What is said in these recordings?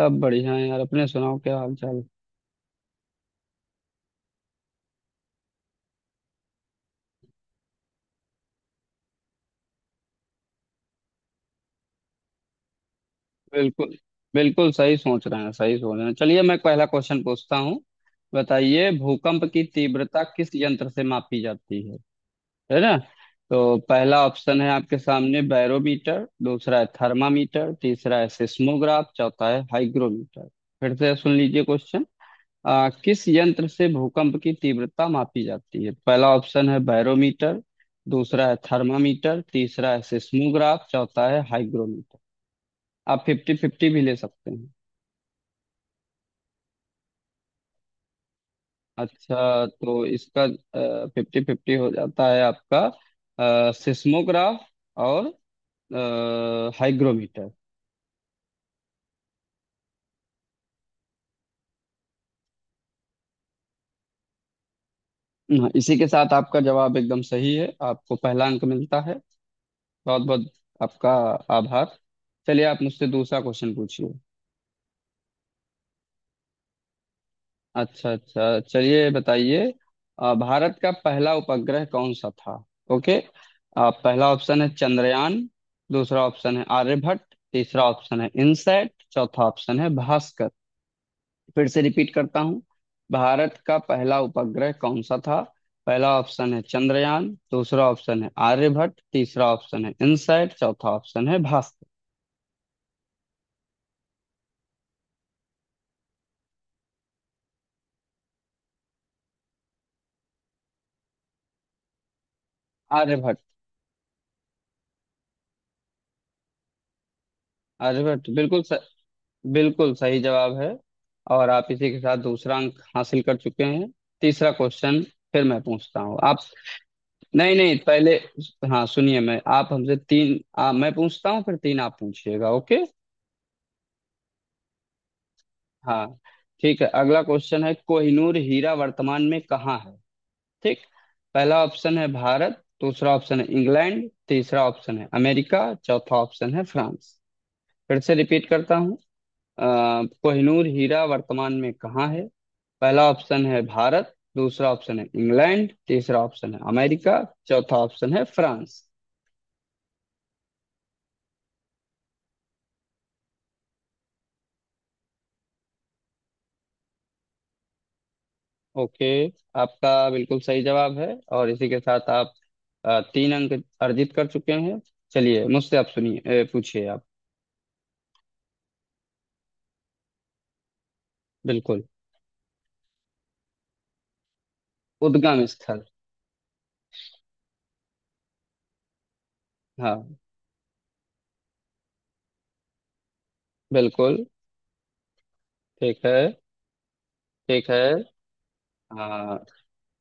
सब बढ़िया है यार। अपने सुनाओ, क्या हाल चाल? बिल्कुल बिल्कुल सही सोच रहे हैं, सही सोच रहे हैं। चलिए, मैं पहला क्वेश्चन पूछता हूँ। बताइए, भूकंप की तीव्रता किस यंत्र से मापी जाती है? है ना। तो पहला ऑप्शन है आपके सामने बैरोमीटर, दूसरा है थर्मामीटर, तीसरा है सिस्मोग्राफ, चौथा है हाइग्रोमीटर। फिर से सुन लीजिए क्वेश्चन। किस यंत्र से भूकंप की तीव्रता मापी जाती है? पहला ऑप्शन है बैरोमीटर, दूसरा है थर्मामीटर, तीसरा है सिस्मोग्राफ, चौथा है हाइग्रोमीटर। आप फिफ्टी फिफ्टी भी ले सकते हैं। अच्छा, तो इसका फिफ्टी फिफ्टी हो जाता है आपका। सिस्मोग्राफ और आ, हाइग्रोमीटर। हाँ, इसी के साथ आपका जवाब एकदम सही है। आपको पहला अंक मिलता है। बहुत बहुत आपका आभार। चलिए, आप मुझसे दूसरा क्वेश्चन पूछिए। अच्छा अच्छा, चलिए बताइए। भारत का पहला उपग्रह कौन सा था? ओके। पहला ऑप्शन है चंद्रयान, दूसरा ऑप्शन है आर्यभट्ट, तीसरा ऑप्शन है इनसैट, चौथा ऑप्शन है भास्कर। फिर से रिपीट करता हूँ। भारत का पहला उपग्रह कौन सा था? पहला ऑप्शन है चंद्रयान, दूसरा ऑप्शन है आर्यभट्ट, तीसरा ऑप्शन है इनसैट, चौथा ऑप्शन है भास्कर। आर्यभट्ट। आर्यभट्ट, बिल्कुल। बिल्कुल सही जवाब है, और आप इसी के साथ दूसरा अंक हासिल कर चुके हैं। तीसरा क्वेश्चन फिर मैं पूछता हूँ आप। नहीं नहीं, पहले हाँ सुनिए, मैं आप हमसे तीन मैं पूछता हूँ, फिर तीन आप पूछिएगा। ओके। हाँ, ठीक है। अगला क्वेश्चन है, कोहिनूर हीरा वर्तमान में कहाँ है? ठीक। पहला ऑप्शन है भारत, दूसरा ऑप्शन है इंग्लैंड, तीसरा ऑप्शन है अमेरिका, चौथा ऑप्शन है फ्रांस। फिर से रिपीट करता हूँ। अ, कोहिनूर हीरा वर्तमान में कहाँ है? पहला ऑप्शन है भारत, दूसरा ऑप्शन है इंग्लैंड, तीसरा ऑप्शन है अमेरिका, चौथा ऑप्शन है फ्रांस। ओके, आपका बिल्कुल सही जवाब है। और इसी के साथ आप तीन अंक अर्जित कर चुके हैं। चलिए, मुझसे आप सुनिए, पूछिए आप। बिल्कुल। उद्गम स्थल। हाँ। बिल्कुल। ठीक है। ठीक है। हाँ,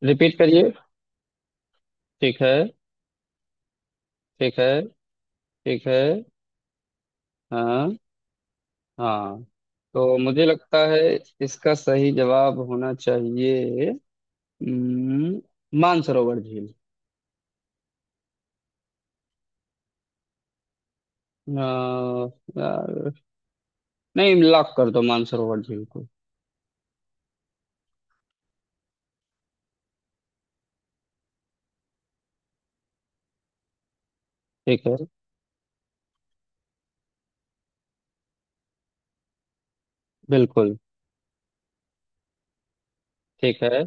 रिपीट करिए। ठीक है। ठीक है। ठीक है। हाँ हाँ। तो मुझे लगता है इसका सही जवाब होना चाहिए हम्म, मानसरोवर झील। अ, यार, नहीं, लॉक कर दो मानसरोवर झील को। ठीक है। बिल्कुल। ठीक है।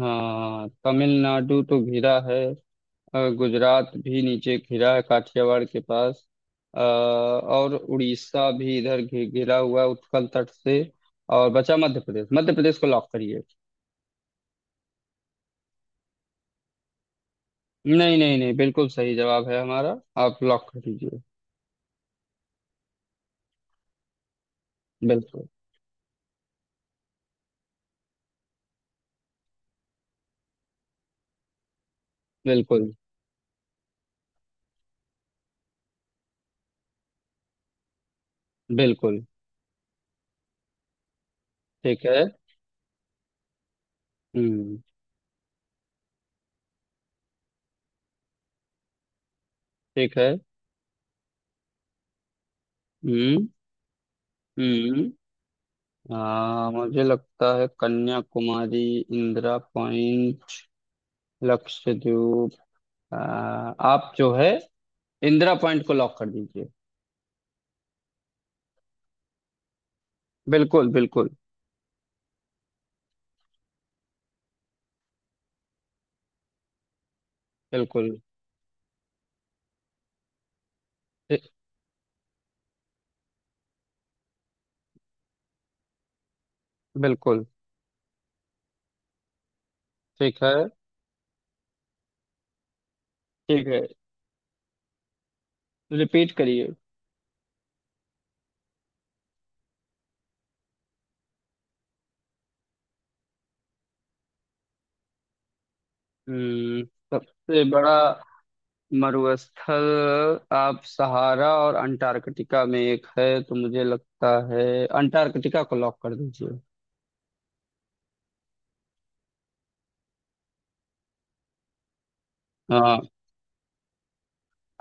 हाँ, तमिलनाडु तो घिरा है। गुजरात भी नीचे घिरा है काठियावाड़ के पास। और उड़ीसा भी इधर घिरा हुआ है उत्कल तट से। और बचा मध्य प्रदेश। मध्य प्रदेश को लॉक करिए। नहीं नहीं नहीं, बिल्कुल सही जवाब है हमारा। आप लॉक कर दीजिए। बिल्कुल बिल्कुल। बिल्कुल। ठीक है। हम्म। ठीक है। हम्म। हम्म। मुझे लगता है कन्याकुमारी, इंदिरा पॉइंट, लक्षद्वीप। आ, आप जो है इंदिरा पॉइंट को लॉक कर दीजिए। बिल्कुल बिल्कुल। बिल्कुल। ठी- बिल्कुल ठीक है। ठीक है, रिपीट करिए। हम्म। सबसे बड़ा मरुस्थल। आप सहारा और अंटार्कटिका में एक है, तो मुझे लगता है अंटार्कटिका को लॉक कर दीजिए। हाँ,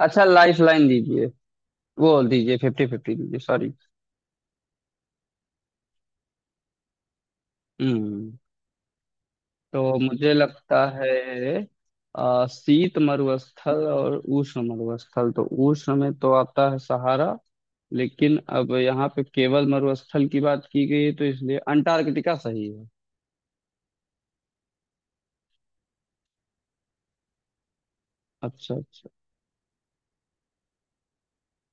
अच्छा, लाइफ लाइन दीजिए। वो दीजिए, फिफ्टी फिफ्टी दीजिए, सॉरी। हम्म। तो मुझे लगता है शीत मरुस्थल और उष्ण मरुस्थल, तो उष्ण में तो आता है सहारा, लेकिन अब यहाँ पे केवल मरुस्थल की बात की गई है, तो इसलिए अंटार्कटिका सही है। अच्छा अच्छा।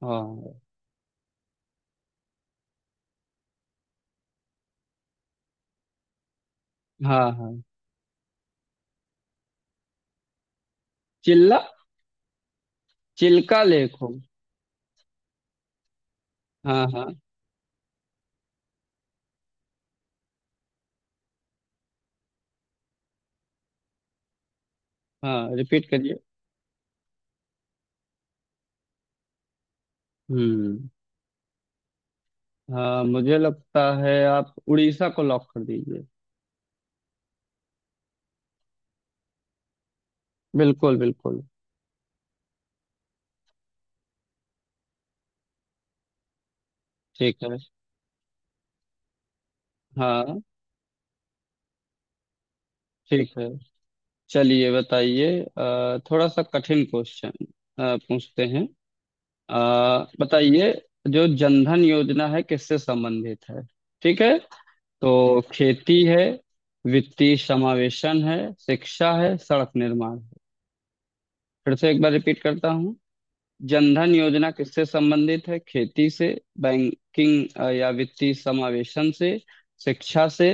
हाँ। हाँ हाँ। चिल्ला। चिल्का लेक हो। हाँ हाँ। हाँ, रिपीट करिए। हम्म। हाँ, मुझे लगता है आप उड़ीसा को लॉक कर दीजिए। बिल्कुल बिल्कुल। ठीक है। हाँ। ठीक है। चलिए बताइए। थोड़ा सा कठिन क्वेश्चन पूछते हैं। अ, बताइए, जो जनधन योजना है किससे संबंधित है? ठीक है। तो खेती है, वित्तीय समावेशन है, शिक्षा है, सड़क निर्माण है। फिर से एक बार रिपीट करता हूँ। जनधन योजना किससे संबंधित है? खेती से, बैंकिंग या वित्तीय समावेशन से, शिक्षा से,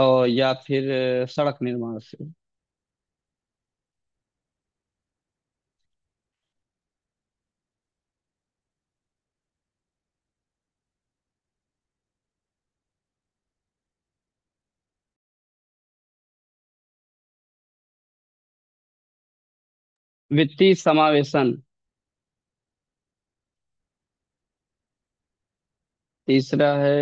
और या फिर सड़क निर्माण से। वित्तीय समावेशन। तीसरा है,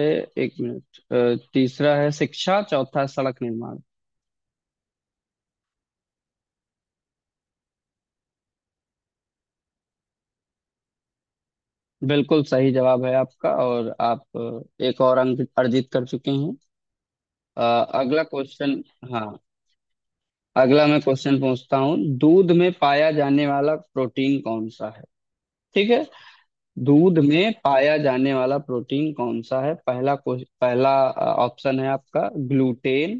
एक मिनट, तीसरा है शिक्षा, चौथा है सड़क निर्माण। बिल्कुल सही जवाब है आपका, और आप एक और अंक अर्जित कर चुके हैं। अ, अगला क्वेश्चन। हाँ, अगला मैं क्वेश्चन पूछता हूँ। दूध में पाया जाने वाला प्रोटीन कौन सा है? ठीक है। दूध में पाया जाने वाला प्रोटीन कौन सा है? पहला ऑप्शन है आपका ग्लूटेन,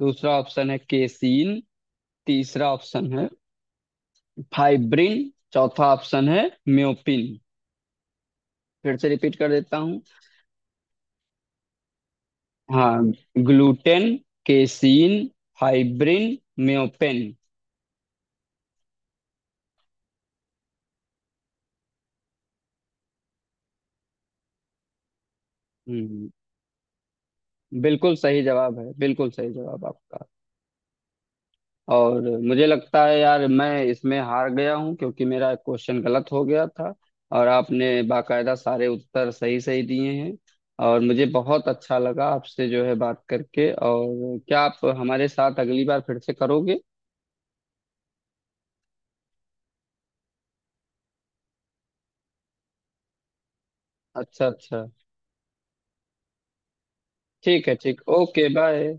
दूसरा ऑप्शन है केसीन, तीसरा ऑप्शन है फाइब्रिन, चौथा ऑप्शन है म्योपिन। फिर से रिपीट कर देता हूँ। हाँ, ग्लूटेन, केसीन, फाइब्रिन, म्योपेन। हम्म। बिल्कुल सही जवाब है। बिल्कुल सही जवाब आपका। और मुझे लगता है यार मैं इसमें हार गया हूँ, क्योंकि मेरा क्वेश्चन गलत हो गया था, और आपने बाकायदा सारे उत्तर सही सही दिए हैं। और मुझे बहुत अच्छा लगा आपसे जो है बात करके। और क्या आप हमारे साथ अगली बार फिर से करोगे? अच्छा अच्छा। ठीक है, ठीक, ओके, बाय।